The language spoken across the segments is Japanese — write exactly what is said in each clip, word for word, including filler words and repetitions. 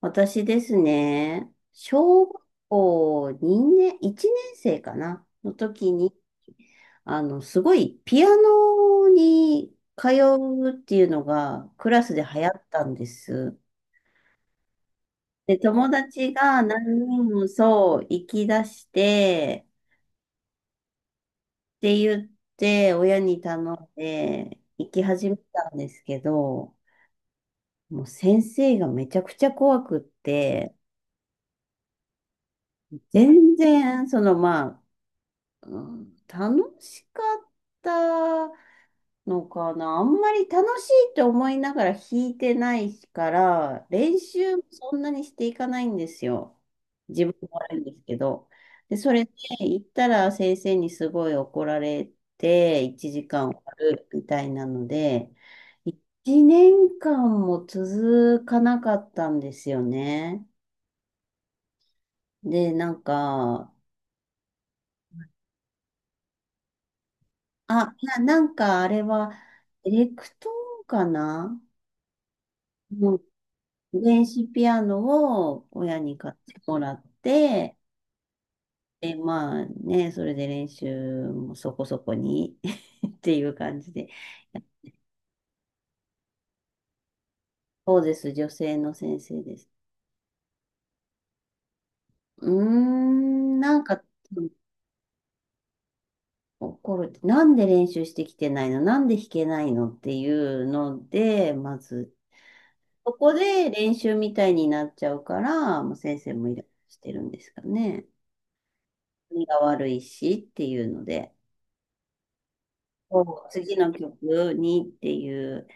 私ですね、小学校にねん、いちねん生かなの時に、あの、すごいピアノに通うっていうのがクラスで流行ったんです。で、友達が何人もそう、行き出して、って言って、親に頼んで、行き始めたんですけど、もう先生がめちゃくちゃ怖くって、全然、そのまあ、うん楽しかったのかな。あんまり楽しいって思いながら弾いてないから、練習もそんなにしていかないんですよ。自分も悪いんですけど。で、それで行ったら先生にすごい怒られて、いちじかん終わるみたいなので、いちねんかんも続かなかったんですよね。で、なんか、あ、な、なんかあれは、エレクトーンかなの電子ピアノを親に買ってもらって、で、まあね、それで練習もそこそこに っていう感じで。そうです、女性の先生です。うーん、なんか怒る。なんで練習してきてないのなんで弾けないのっていうので、まず、そこで練習みたいになっちゃうから、もう先生もイライラしてるんですかね。何が悪いしっていうので、こう次の曲にっていう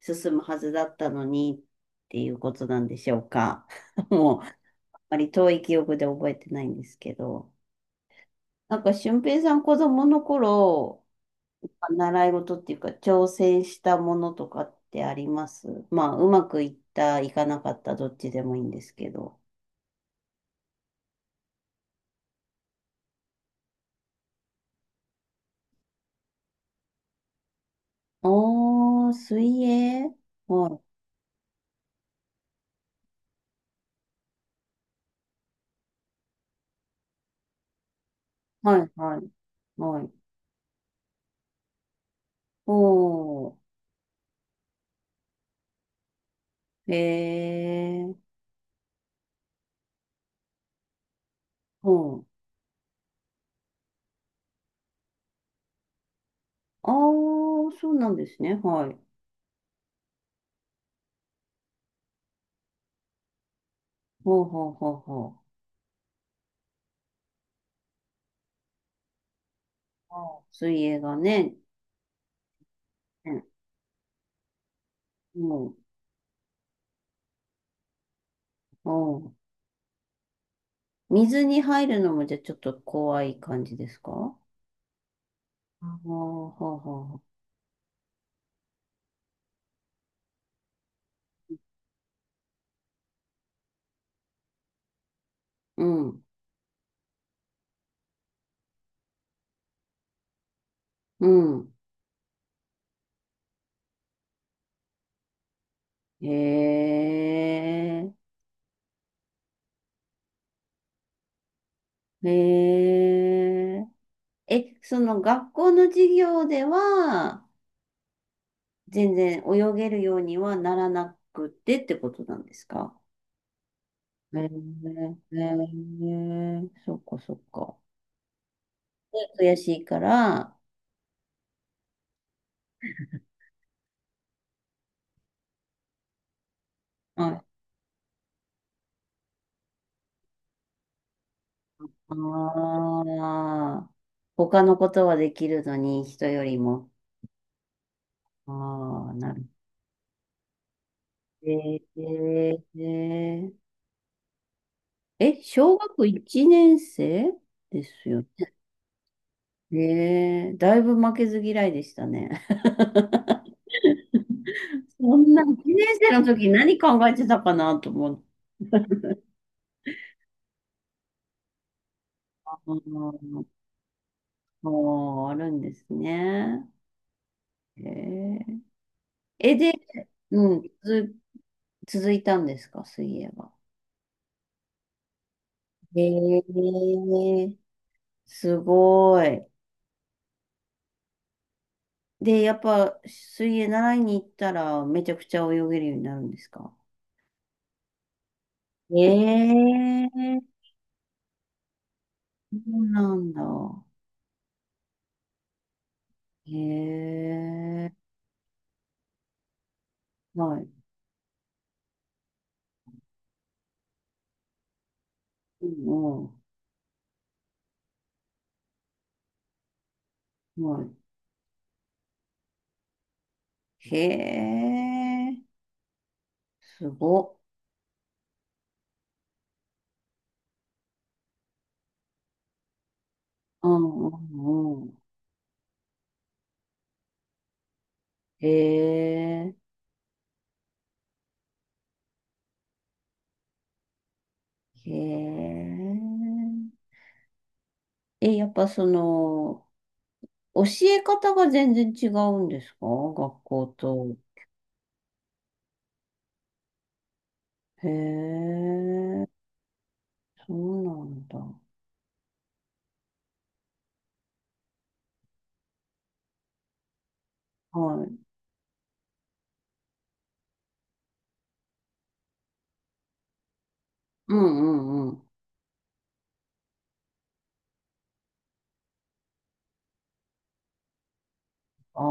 進むはずだったのにっていうことなんでしょうか。もう、あまり遠い記憶で覚えてないんですけど。なんか、俊平さん子供の頃、習い事っていうか、挑戦したものとかってあります。まあ、うまくいった、いかなかった、どっちでもいいんですけど。おー、水泳はい、はい、はい、はい。おー。ええ、ほう。ああ、そうなんですね。はい。ほうほうほうほう。あー、水泳がね、ね、もう、おう、水に入るのもじゃあちょっと怖い感じですか？ああー、ほうほうほう。うん、うん。えええええ、その学校の授業では、全然泳げるようにはならなくてってことなんですか？えー、えー、そっかそっか。で、悔しいから、ああー、他のことはできるのに、人よりも。ああ、なる。えー、えー、え、小学いちねん生ですよね。えー、だいぶ負けず嫌いでしたね。そんないちねん生の時何考えてたかなと思って。あー、あー、あるんですね。えー、え、で、うん、つづ、続いたんですか、水泳は？へえ、すごい。で、やっぱ、水泳習いに行ったら、めちゃくちゃ泳げるようになるんですか？ええ、そうなんだ。へえ、はい。うん、うん、はい。へえ、すごっ。うん、うん、うん。へえ、へえ。え、やっぱその、教え方が全然違うんですか、学校と？へえ、そうなんだ。はい。うんうんうん。あ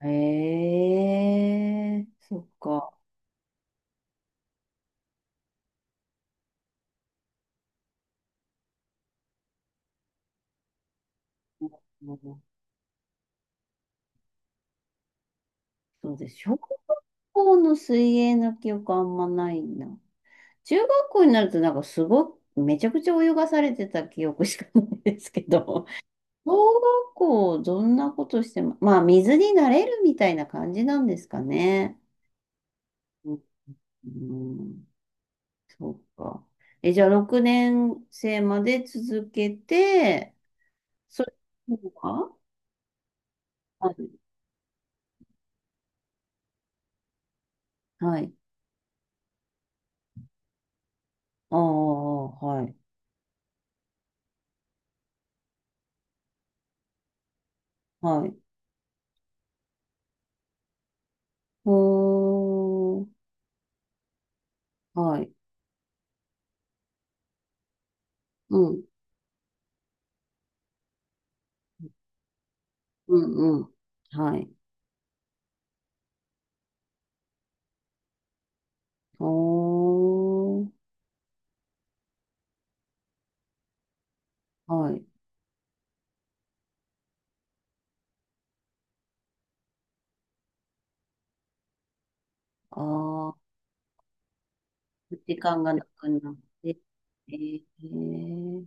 あ、へえ、そっか。うん、そうです。小学校の水泳の記憶あんまないな。中学校になるとなんかすごく、めちゃくちゃ泳がされてた記憶しかないですけど。小学校、どんなことしても、まあ、水に慣れるみたいな感じなんですかね。うん、うん、そうか。え、じゃあ、ろくねん生まで続けて、それははい。はい。ああ、はい。はい。おー、はい。うん、うん、うん。はい。おー、はい。ああ、時間がなくなって、えー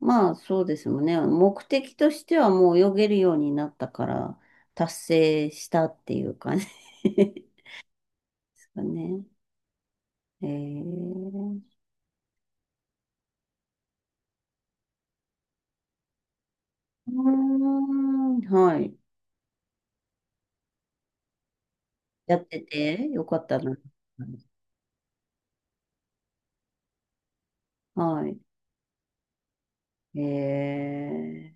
まあそうですもんね。目的としてはもう泳げるようになったから達成したっていう感じ ですかね。えー、うーん、はい。やっててよかったな。はい。え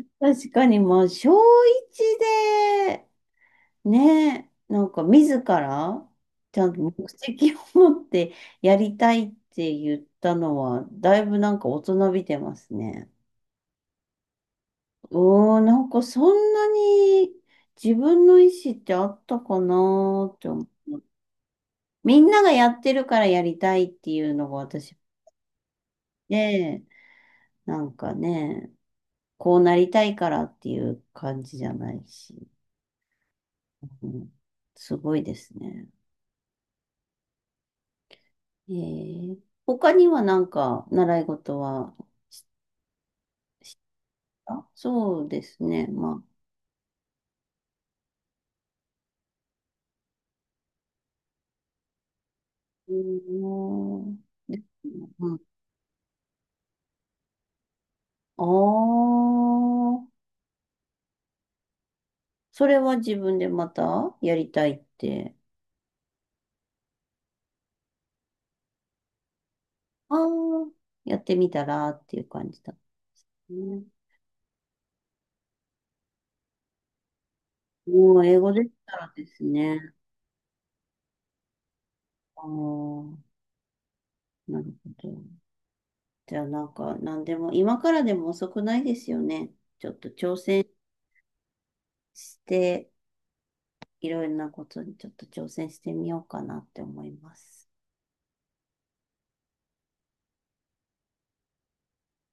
ー、確かにまあ小一でね、なんか自らちゃんと目的を持ってやりたいって言ったのはだいぶなんか大人びてますね。おー、なんかそんなに自分の意思ってあったかなーって思う。みんながやってるからやりたいっていうのが私で、なんかね、こうなりたいからっていう感じじゃないし、うん、すごいですね。えー、他にはなんか習い事は、あ、そうですね、まあ。うーん、うん、ああ、それは自分でまたやりたいって？ああ、やってみたらっていう感じだったね。もう英語できたらですね。ああ、なるほど。じゃあなんか何でも、今からでも遅くないですよね。ちょっと挑戦して、いろいろなことにちょっと挑戦してみようかなって思います。